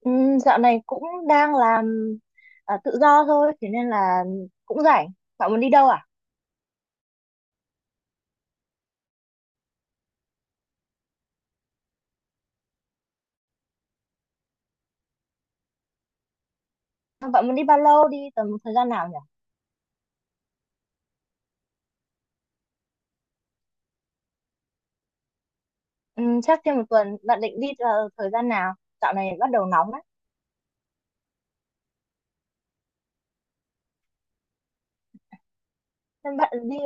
Dạo này cũng đang làm à, tự do thôi, thế nên là cũng rảnh. Bạn muốn đi đâu à? Bạn muốn đi bao lâu? Đi tầm thời gian nào nhỉ? Chắc trên một tuần. Bạn định đi vào thời gian nào? Dạo này bắt đầu nóng đấy. Nên bạn đi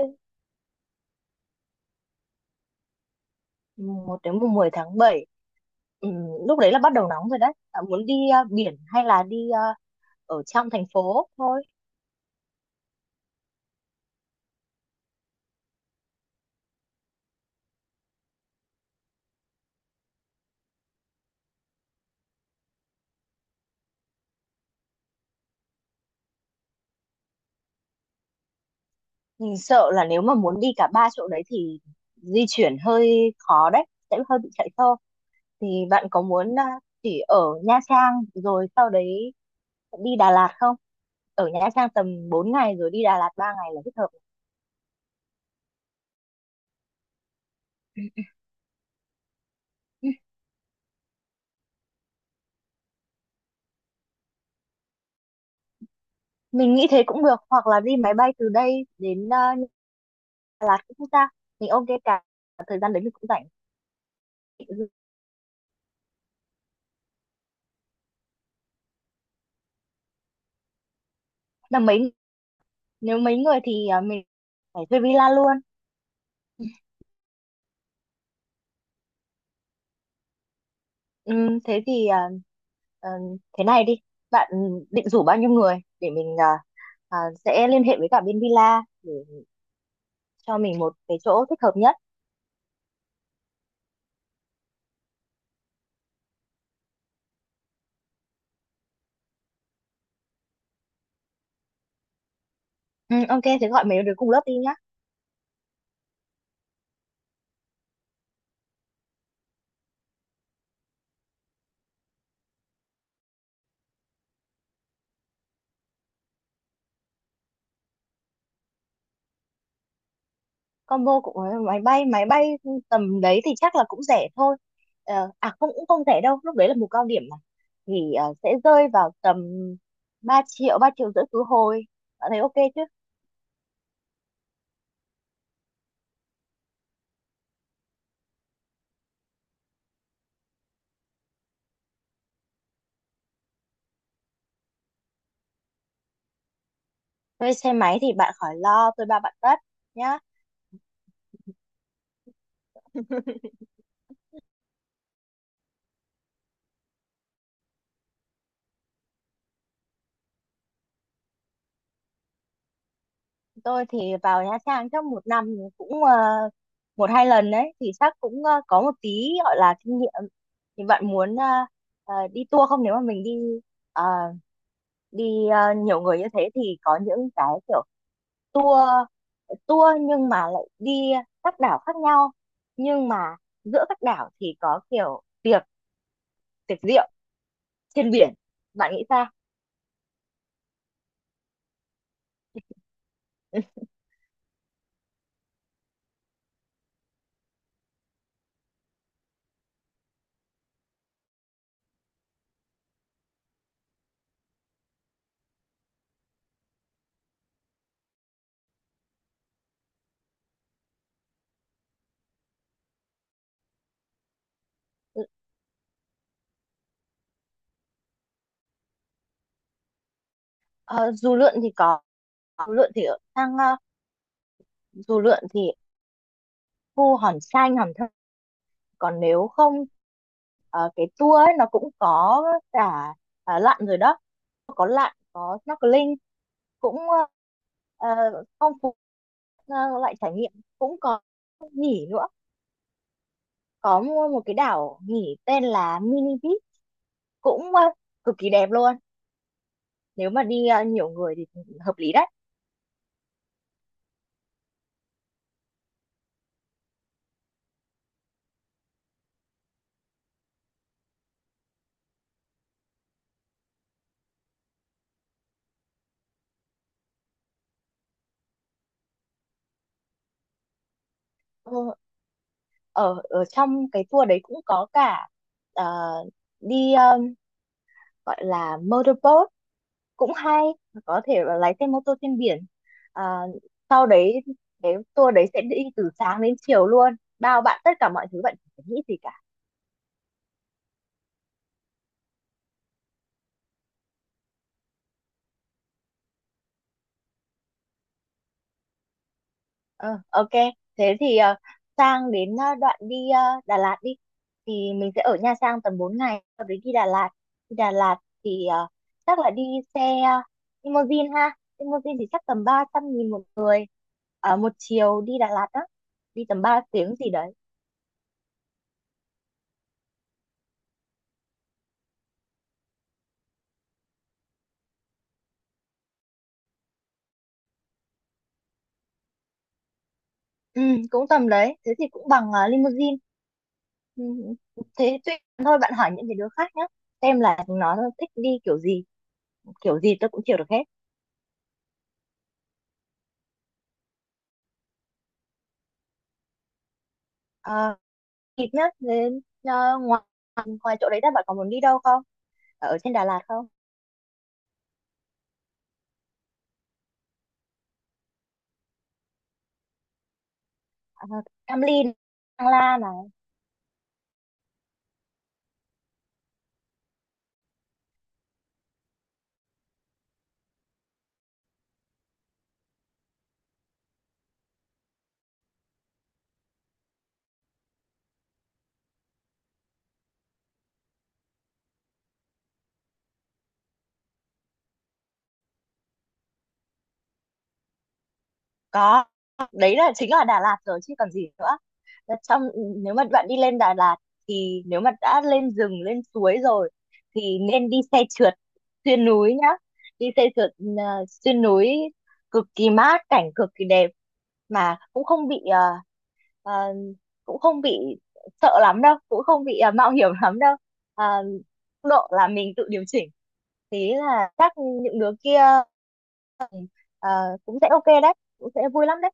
mùng 1 đến mùng 10 tháng 7. Ừm, Lúc đấy là bắt đầu nóng rồi đấy. Bạn muốn đi biển hay là đi ở trong thành phố thôi? Mình sợ là nếu mà muốn đi cả ba chỗ đấy thì di chuyển hơi khó đấy, sẽ hơi bị chạy xe. Thì bạn có muốn chỉ ở Nha Trang rồi sau đấy đi Đà Lạt không? Ở Nha Trang tầm 4 ngày rồi đi Đà Lạt 3 ngày là thích hợp. Mình nghĩ thế cũng được hoặc là đi máy bay từ đây đến Đà Lạt cũng không sao. Mình ok, cả thời gian đấy mình cũng rảnh. Là mấy nếu mấy người thì mình phải thuê villa luôn. Thế thì à, ờ, thế này đi. Bạn định rủ bao nhiêu người để mình à, sẽ liên hệ với cả bên villa để cho mình một cái chỗ thích hợp nhất. Ừ, ok, thế gọi mấy đứa cùng lớp đi nhá. Combo của máy bay tầm đấy thì chắc là cũng rẻ thôi. À không, cũng không rẻ đâu, lúc đấy là mùa cao điểm mà. Thì sẽ rơi vào tầm 3 triệu, 3,5 triệu khứ hồi. Bạn thấy ok chứ? Thuê xe máy thì bạn khỏi lo, tôi bao bạn tất nhá. Tôi thì vào Nha Trang chắc một năm cũng một hai lần đấy, thì chắc cũng có một tí gọi là kinh nghiệm. Thì bạn muốn đi tour không? Nếu mà mình đi ờ, đi ờ, nhiều người như thế thì có những cái kiểu tour tour nhưng mà lại đi các đảo khác nhau, nhưng mà giữa các đảo thì có kiểu tiệc tiệc rượu trên biển. Bạn nghĩ sao? Dù lượn thì có. dù lượn thì ở sang ờ, Dù lượn thì khu Hòn Xanh Hòn Thơm. Còn nếu không, cái tour ấy nó cũng có cả lặn rồi đó. Có lặn có snorkeling, cũng ờ, phong phú, ờ, loại trải nghiệm. Cũng có nghỉ nữa, có mua một cái đảo nghỉ tên là Mini Beach cũng cực kỳ đẹp luôn. Nếu mà đi nhiều người thì hợp lý đấy. Ờ, ở ở trong cái tour đấy cũng có cả ờ, đi ờ, gọi là motorboat cũng hay. Có thể là lái xe mô tô trên biển. à, Sau đấy cái tour đấy sẽ đi từ sáng đến chiều luôn, bao bạn tất cả mọi thứ, bạn chẳng phải nghĩ gì cả. Ờ, ok, thế thì sang đến đoạn đi Đà Lạt đi. Thì mình sẽ ở Nha Trang tầm 4 ngày, sau đấy đi Đà Lạt thì chắc là đi xe limousine ha, limousine thì chắc tầm 300.000 một người. Một chiều đi Đà Lạt đó, đi tầm 3 tiếng gì đấy. Ừ, cũng tầm đấy, thế thì cũng bằng limousine. Ừ, thế thôi bạn hỏi những cái đứa khác nhé, xem là nó thích đi kiểu gì, kiểu gì tôi cũng chịu được hết. à, Kịp nhá, đến ngoài ngoài chỗ đấy ra bạn còn muốn đi đâu không, ở trên Đà Lạt không? À, Cam Ly, Thăng Lan à? Có, đấy là chính là Đà Lạt rồi chứ còn gì nữa. Và trong Nếu mà bạn đi lên Đà Lạt thì nếu mà đã lên rừng lên suối rồi thì nên đi xe trượt xuyên núi nhá. Đi xe trượt ờ, xuyên núi cực kỳ mát, cảnh cực kỳ đẹp, mà cũng không bị ờ, cũng không bị sợ lắm đâu, cũng không bị mạo hiểm lắm đâu. Ờ, Tốc độ là mình tự điều chỉnh, thế là chắc những đứa kia ờ, cũng sẽ ok đấy, cũng sẽ vui lắm đấy.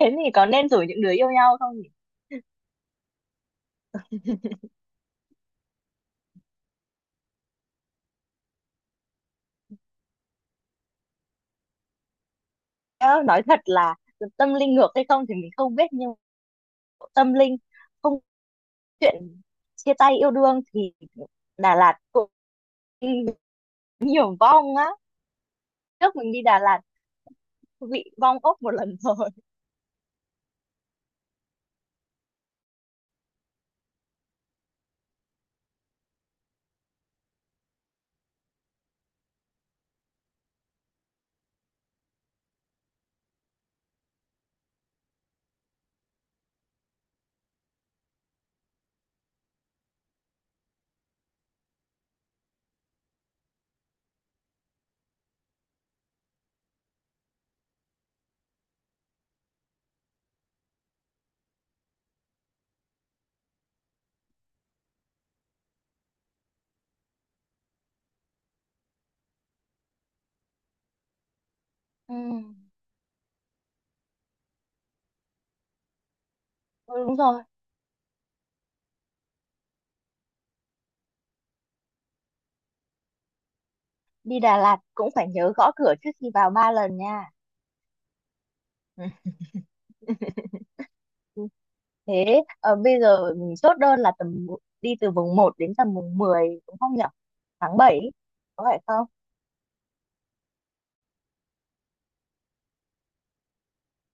Thế thì có nên rủ những đứa yêu nhau không nhỉ? Nhớ, nói thật là tâm linh ngược hay không thì mình không biết, nhưng tâm linh, không, chuyện chia tay yêu đương thì Đà Lạt cũng nhiều vong á. Trước mình đi Đà Lạt bị vong ốc một lần rồi. Ừ, ừ, đúng rồi. Đi Đà Lạt cũng phải nhớ gõ cửa trước khi vào 3 lần nha. Ừ. Thế bây giờ mình chốt đơn là tầm đi từ mùng một đến tầm mùng 10 đúng không nhỉ? Tháng bảy, có phải không?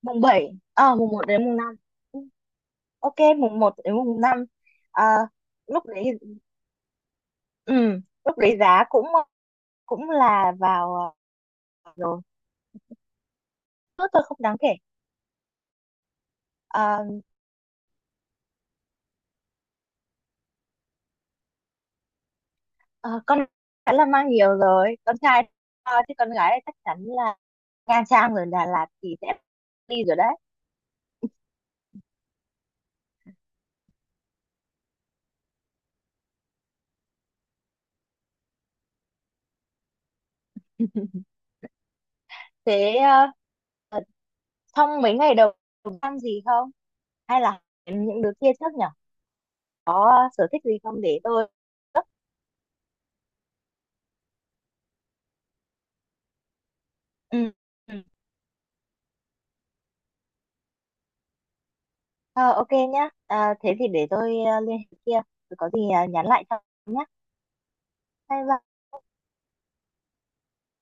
Mùng bảy, ờ mùng một đến mùng 5. Ừ, ok, mùng một đến mùng năm. Ờ, Lúc đấy, ừ, lúc đấy giá cũng cũng là vào rồi. Tốt thôi, không đáng kể. Ờ, ờ, con gái là mang nhiều rồi, con trai chứ con gái thì chắc chắn là Nha Trang rồi Đà Lạt thì sẽ đi rồi đấy. Thế ờ, trong mấy ngày đầu ăn gì không? Hay là những đứa kia trước nhỉ, có sở thích gì không để tôi... Ừ. Ừ. Ờ, ok nhá. À, thế thì để tôi liên hệ kia. Rồi có gì nhắn lại cho nhé. Bye bye.